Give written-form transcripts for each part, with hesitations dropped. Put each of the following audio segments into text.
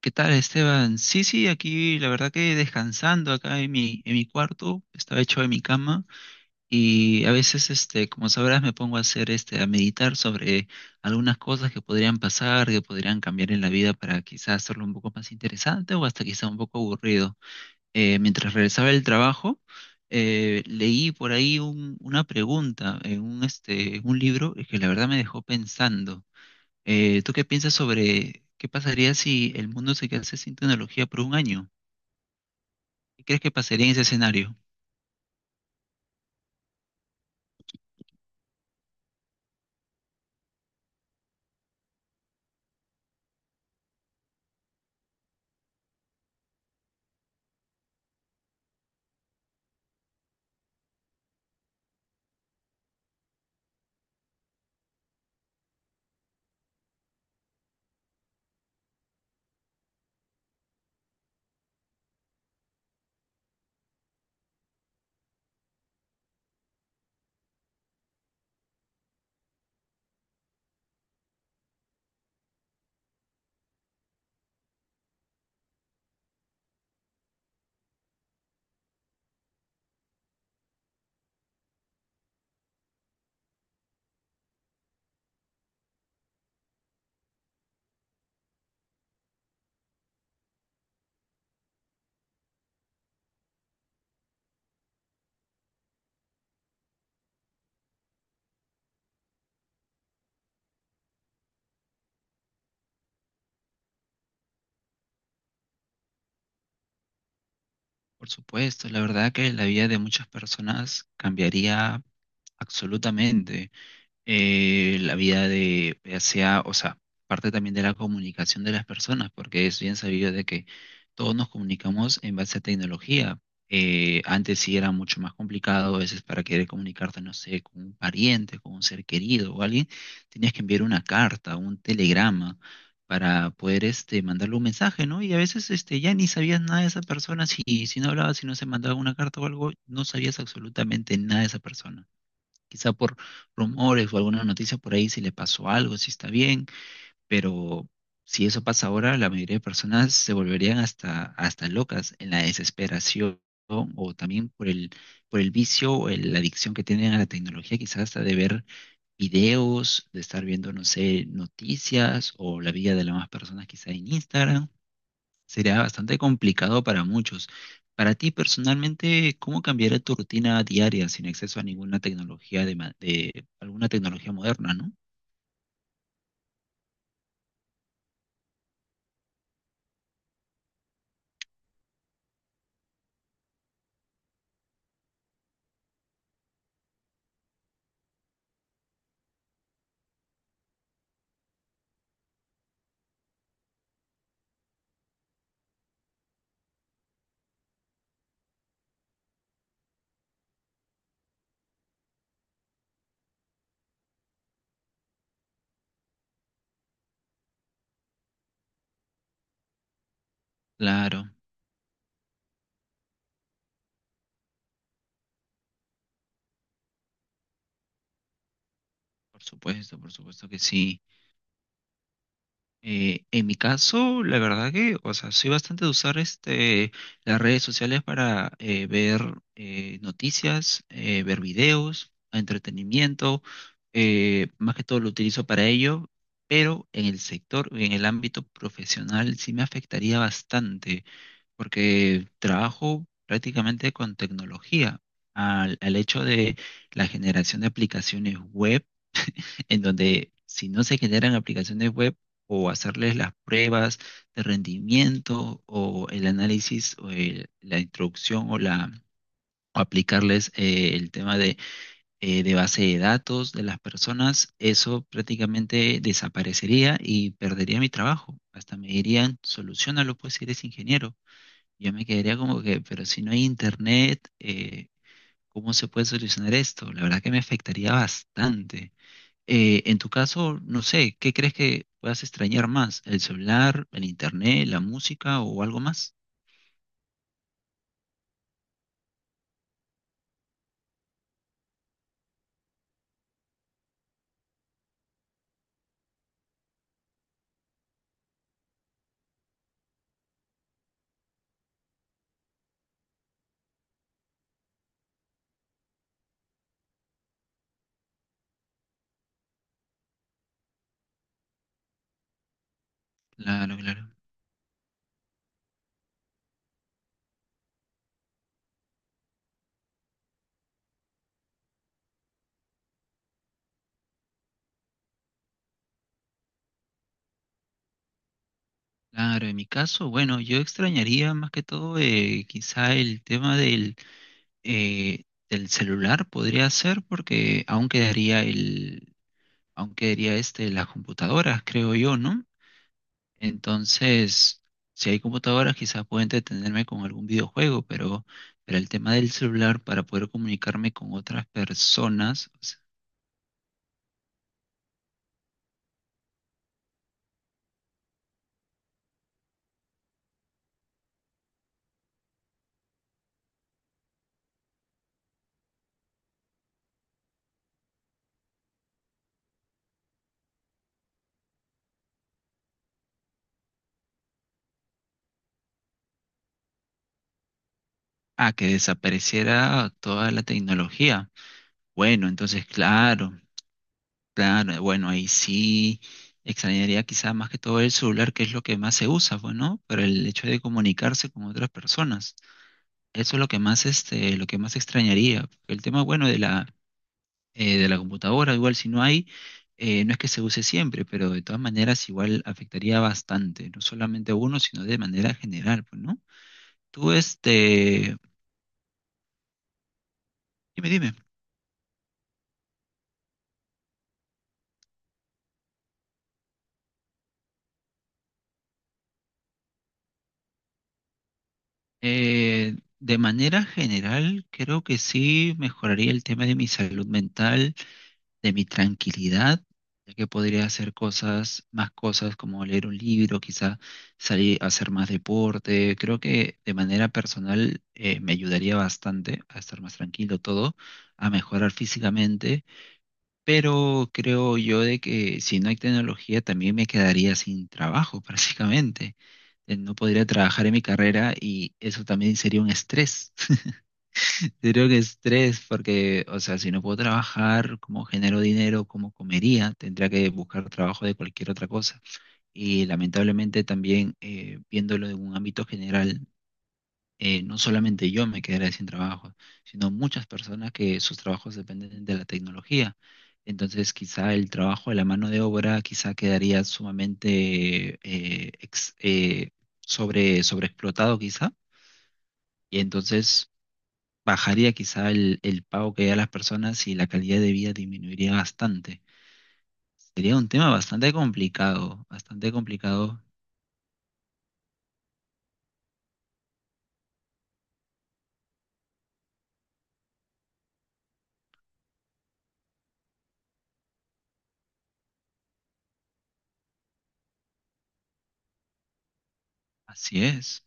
¿Qué tal, Esteban? Sí, sí, aquí la verdad que descansando acá en mi cuarto, estaba hecho en mi cama y a veces, como sabrás, me pongo a hacer, a meditar sobre algunas cosas que podrían pasar, que podrían cambiar en la vida para quizás hacerlo un poco más interesante o hasta quizá un poco aburrido. Mientras regresaba del trabajo, leí por ahí una pregunta en un libro que la verdad me dejó pensando. ¿Tú qué piensas sobre qué pasaría si el mundo se quedase sin tecnología por un año? ¿Qué crees que pasaría en ese escenario? Por supuesto, la verdad que la vida de muchas personas cambiaría absolutamente. La vida de, ya sea, o sea, parte también de la comunicación de las personas, porque es bien sabido de que todos nos comunicamos en base a tecnología. Antes sí era mucho más complicado, a veces para querer comunicarte, no sé, con un pariente, con un ser querido o alguien, tenías que enviar una carta, un telegrama para poder mandarle un mensaje, ¿no? Y a veces ya ni sabías nada de esa persona, si no hablabas, si no se mandaba una carta o algo, no sabías absolutamente nada de esa persona quizá por rumores o alguna noticia por ahí si le pasó algo, si está bien, pero si eso pasa ahora, la mayoría de personas se volverían hasta locas en la desesperación o también por el vicio o la adicción que tienen a la tecnología, quizás hasta de ver videos, de estar viendo, no sé, noticias o la vida de las demás personas quizá en Instagram. Sería bastante complicado para muchos. Para ti personalmente, ¿cómo cambiaría tu rutina diaria sin acceso a ninguna tecnología de, de alguna tecnología moderna, ¿no? Claro, por supuesto que sí. En mi caso, la verdad que, o sea, soy bastante de usar las redes sociales para ver noticias, ver videos, entretenimiento, más que todo lo utilizo para ello, pero en el sector, en el ámbito profesional sí me afectaría bastante, porque trabajo prácticamente con tecnología, al hecho de la generación de aplicaciones web en donde si no se generan aplicaciones web o hacerles las pruebas de rendimiento o el análisis o la introducción o la o aplicarles el tema de base de datos de las personas, eso prácticamente desaparecería y perdería mi trabajo. Hasta me dirían, solucionalo pues si eres ingeniero. Yo me quedaría como que, pero si no hay internet, ¿cómo se puede solucionar esto? La verdad que me afectaría bastante. En tu caso, no sé, ¿qué crees que puedas extrañar más? ¿El celular, el internet, la música o algo más? Claro, claro. Claro, en mi caso, bueno, yo extrañaría más que todo quizá el tema del, del celular, podría ser, porque aún quedaría las computadoras, creo yo, ¿no? Entonces, si hay computadoras, quizás pueda entretenerme con algún videojuego, pero el tema del celular para poder comunicarme con otras personas, o sea, ah, que desapareciera toda la tecnología. Bueno, entonces, claro, claro, bueno, ahí sí extrañaría quizás más que todo el celular, que es lo que más se usa, bueno, para el hecho de comunicarse con otras personas. Eso es lo que más, lo que más extrañaría. El tema, bueno, de la computadora, igual si no hay, no es que se use siempre, pero de todas maneras igual afectaría bastante, no solamente a uno, sino de manera general, pues, ¿no? Tú, dime, de manera general creo que sí mejoraría el tema de mi salud mental de mi tranquilidad, ya que podría hacer cosas, más cosas como leer un libro, quizá salir a hacer más deporte. Creo que de manera personal me ayudaría bastante a estar más tranquilo todo, a mejorar físicamente, pero creo yo de que si no hay tecnología también me quedaría sin trabajo prácticamente. No podría trabajar en mi carrera y eso también sería un estrés. Yo creo que estrés porque, o sea, si no puedo trabajar, ¿cómo genero dinero? ¿Cómo comería? Tendría que buscar trabajo de cualquier otra cosa. Y lamentablemente también, viéndolo en un ámbito general, no solamente yo me quedaré sin trabajo, sino muchas personas que sus trabajos dependen de la tecnología. Entonces, quizá el trabajo de la mano de obra quizá quedaría sumamente sobreexplotado, quizá. Y entonces bajaría quizá el pago que da a las personas y la calidad de vida disminuiría bastante. Sería un tema bastante complicado, bastante complicado. Así es,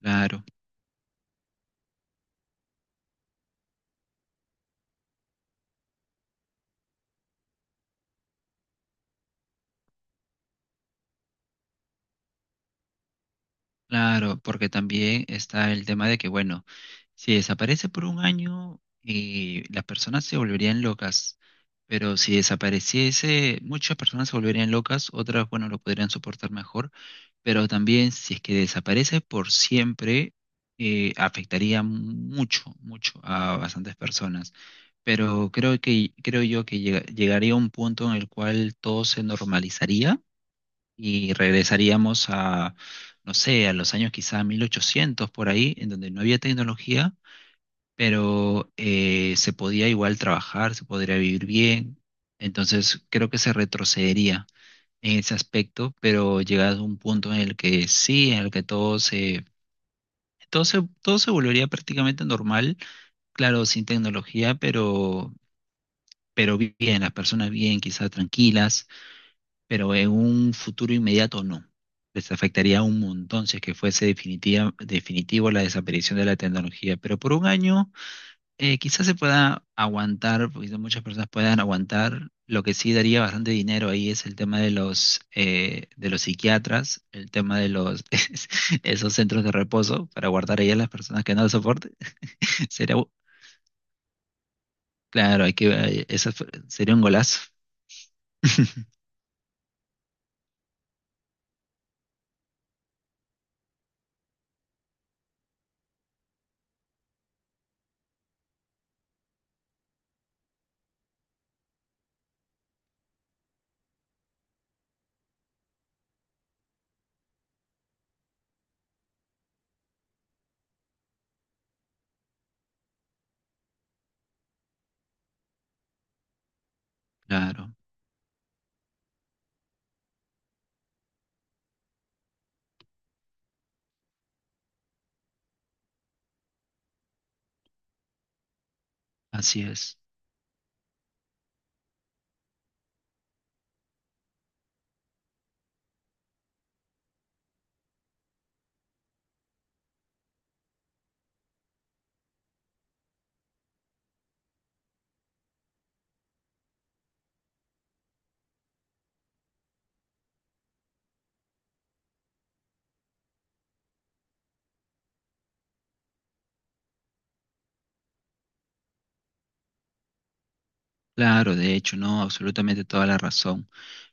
claro, claro, porque también está el tema de que, bueno, si desaparece por un año, las personas se volverían locas, pero si desapareciese, muchas personas se volverían locas, otras, bueno, lo podrían soportar mejor, pero también si es que desaparece por siempre, afectaría mucho, mucho a bastantes personas. Pero creo que, creo yo que llegaría un punto en el cual todo se normalizaría y regresaríamos a, no sé, a los años quizá 1800 por ahí, en donde no había tecnología pero se podía igual trabajar, se podría vivir bien. Entonces creo que se retrocedería en ese aspecto, pero llegado a un punto en el que sí, en el que todo se volvería prácticamente normal, claro, sin tecnología, pero bien, las personas bien, quizás tranquilas, pero en un futuro inmediato no. Les afectaría un montón si es que fuese definitiva, definitivo la desaparición de la tecnología, pero por un año quizás se pueda aguantar, porque son muchas personas puedan aguantar. Lo que sí daría bastante dinero ahí es el tema de los psiquiatras, el tema de los esos centros de reposo para guardar ahí a las personas que no lo soporten. Sería, u- claro, hay que, sería un golazo. Claro, así es. Claro, de hecho, no, absolutamente toda la razón.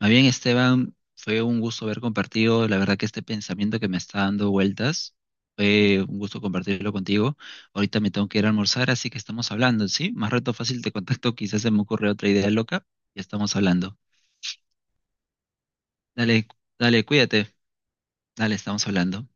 Más bien, Esteban, fue un gusto haber compartido, la verdad que este pensamiento que me está dando vueltas, fue un gusto compartirlo contigo. Ahorita me tengo que ir a almorzar, así que estamos hablando, ¿sí? Más rato fácil te contacto, quizás se me ocurre otra idea loca, ya estamos hablando. Dale, dale, cuídate, dale, estamos hablando.